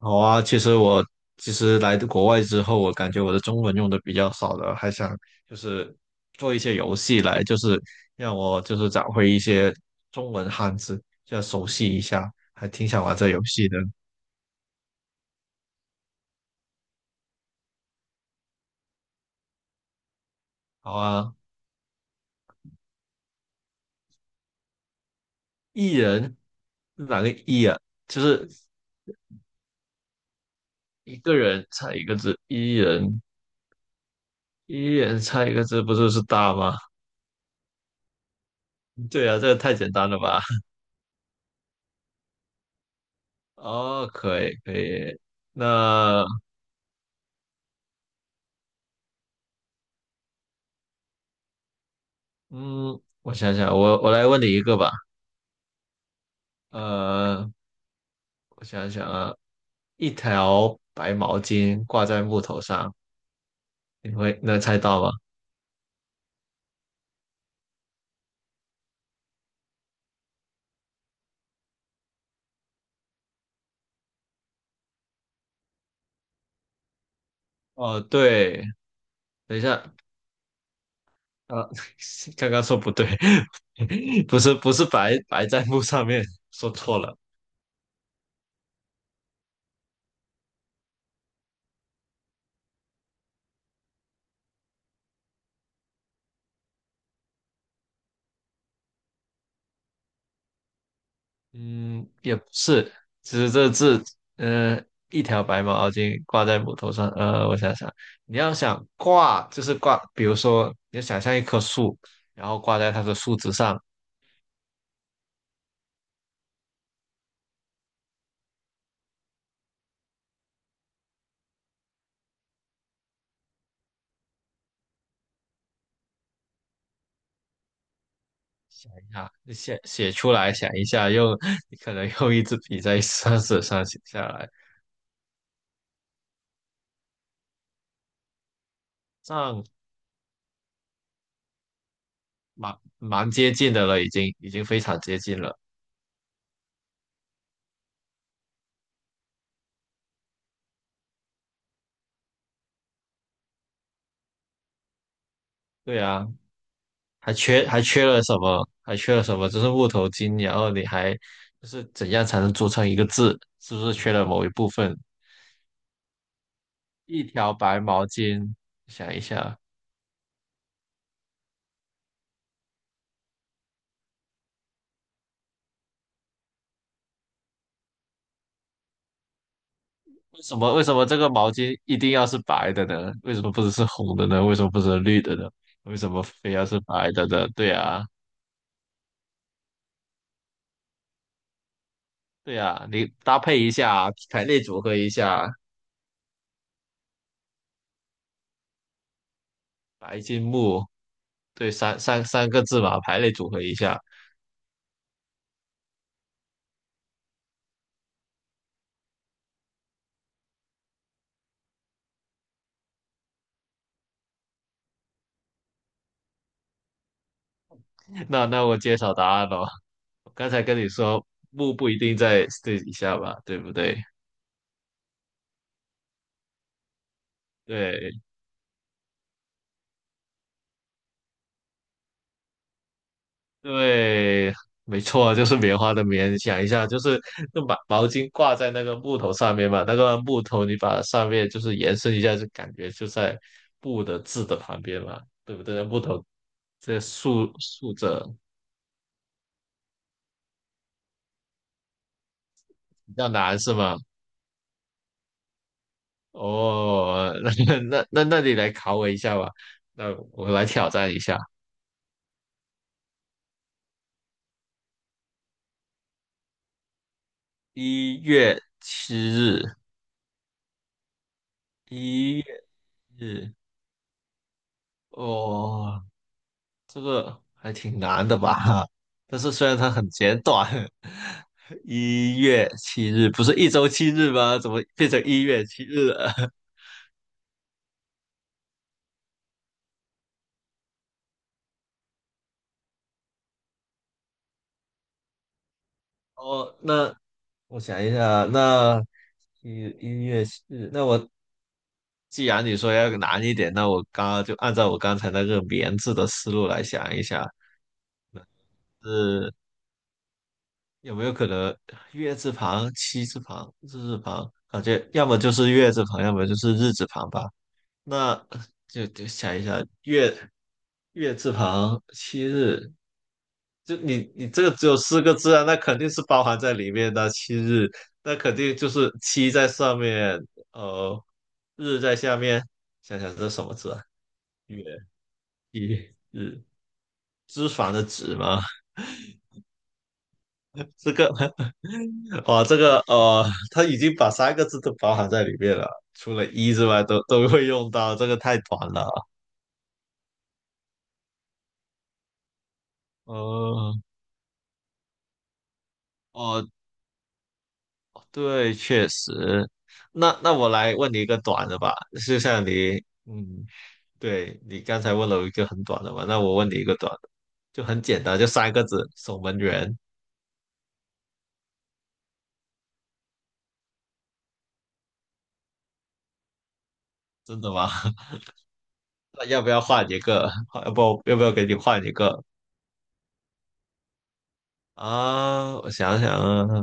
好啊，其实来国外之后，我感觉我的中文用的比较少了，还想就是做一些游戏来，就是让我就是找回一些中文汉字，就要熟悉一下，还挺想玩这游戏的。好啊，一人，哪个一啊？就是一个人猜一个字，一人，一人猜一个字，不就是大吗？对啊，这个太简单了吧？哦，可以可以，那嗯，我想想，我来问你一个吧。呃，我想想啊，一条白毛巾挂在木头上，你会能猜到吗？哦，对，等一下，呃，刚刚说不对，不是不是白在木上面，说错了，嗯，也不是，其实这字，呃，一条白毛巾挂在木头上，我想想，你要想挂就是挂，比如说你要想象一棵树，然后挂在它的树枝上，想一下，写写出来，想一下，你可能用一支笔在沙纸上写下来，这样蛮接近的了，已经非常接近了。对啊，还缺了什么？还缺了什么？就是木头筋，然后你还就是怎样才能组成一个字？是不是缺了某一部分？一条白毛巾，想一下，为什么这个毛巾一定要是白的呢？为什么不是红的呢？为什么不是绿的呢？为什么非要是白的呢？对啊。对呀，你搭配一下，排列组合一下，白金木，对，三个字嘛，排列组合一下。那我揭晓答案咯。我刚才跟你说木不一定在最底下吧，对不对？对对，没错啊，就是棉花的棉。想一下，就是那把毛巾挂在那个木头上面嘛，那个木头你把上面就是延伸一下，就感觉就在布的字的旁边嘛，对不对？木头这竖着比较难是吗？哦，那你来考我一下吧，那我来挑战一下。一月七日，一月日，哦，这个还挺难的吧？但是虽然它很简短。一月七日不是一周七日吗？怎么变成一月七日了？哦，那我想一下，那一一月七日，那我既然你说要难一点，那我刚刚就按照我刚才那个棉字的思路来想一下，是有没有可能月字旁、七字旁、日字旁，感觉要么就是月字旁，要么就是日字旁吧？那就想一下月字旁、七日，就你这个只有四个字啊，那肯定是包含在里面的七日，那肯定就是七在上面，呃，日在下面。想想这是什么字啊？月。一脂脂肪的脂吗？这个 哇，这个他已经把三个字都包含在里面了，除了一之外都会用到，这个太短了。呃，哦，对，确实。那我来问你一个短的吧，就像你，嗯，对，你刚才问了我一个很短的嘛，那我问你一个短的，就很简单，就三个字，守门员。真的吗？那要不要换一个？要不要给你换一个啊？我想想啊，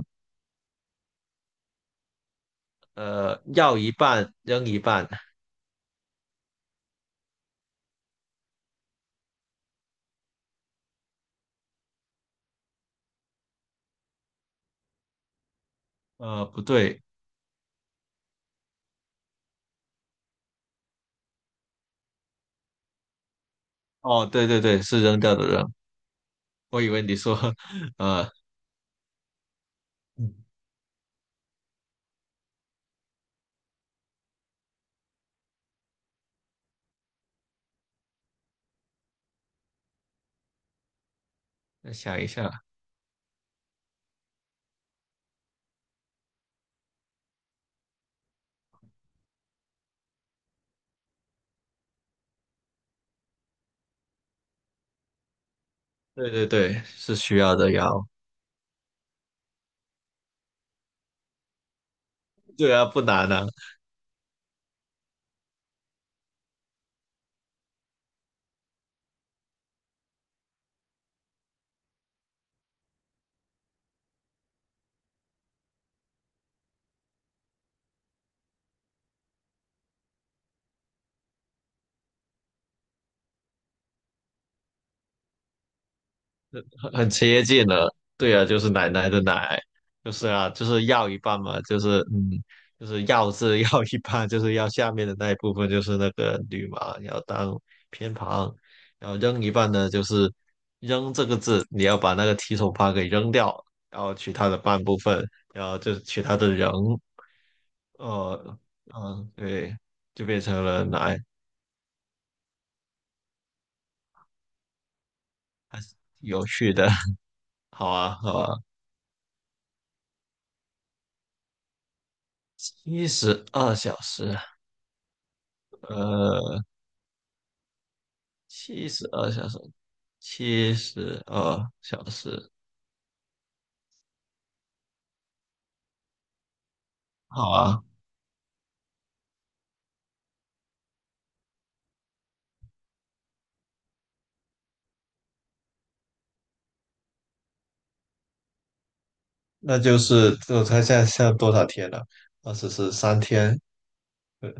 要一半扔一半，不对，哦，对对对，是扔掉的扔，我以为你说，呃，嗯再想一下，对对对，是需要的要，对啊，不难啊，很接近了，对啊，就是奶奶的奶，就是啊，就是要一半嘛，就是要字要一半，就是要下面的那一部分就是那个女嘛，要当偏旁，然后扔一半呢，就是扔这个字，你要把那个提手旁给扔掉，然后取它的半部分，然后就是取它的人，呃，嗯，对，就变成了奶，有趣的，好啊，好啊，72小时。呃，七十二小时，七十二小时，好啊，那就是我猜现在多少天了？二十四三天，呃，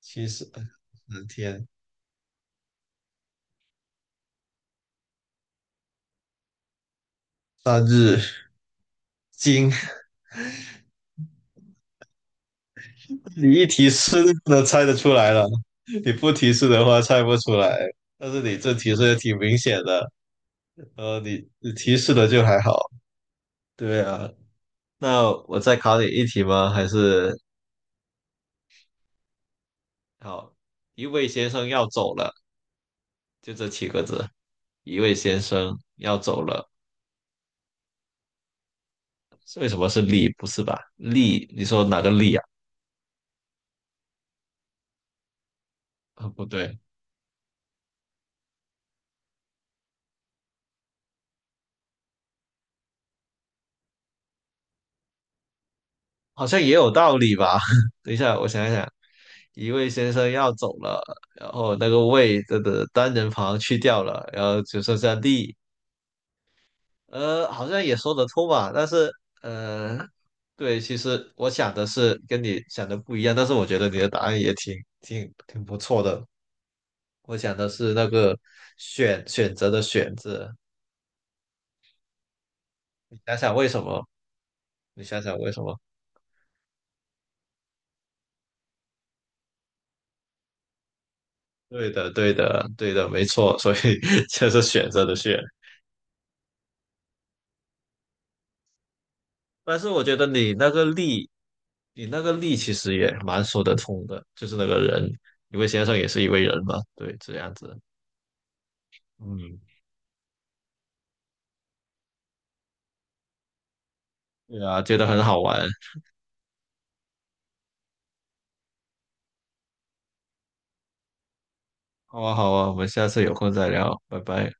73天，三日今。你一提示都猜得出来了，你不提示的话猜不出来。但是你这提示也挺明显的，你提示的就还好。对啊，那我再考你一题吗？还是好，一位先生要走了，就这七个字，一位先生要走了。是为什么是力不是吧？力，你说哪个力啊？啊，不对，好像也有道理吧？等一下，我想一想，一位先生要走了，然后那个位的单人旁去掉了，然后只剩下力。好像也说得通吧？但是，呃，对，其实我想的是跟你想的不一样，但是我觉得你的答案也挺不错的。我想的是那个选择的选字，你想想为什么？你想想为什么？对的，对的，对的，没错，所以 就是选择的选。但是我觉得你那个力，你那个力其实也蛮说得通的，就是那个人，一位先生也是一位人嘛，对，这样子，嗯，对啊，觉得很好玩，好啊，好啊，我们下次有空再聊，拜拜。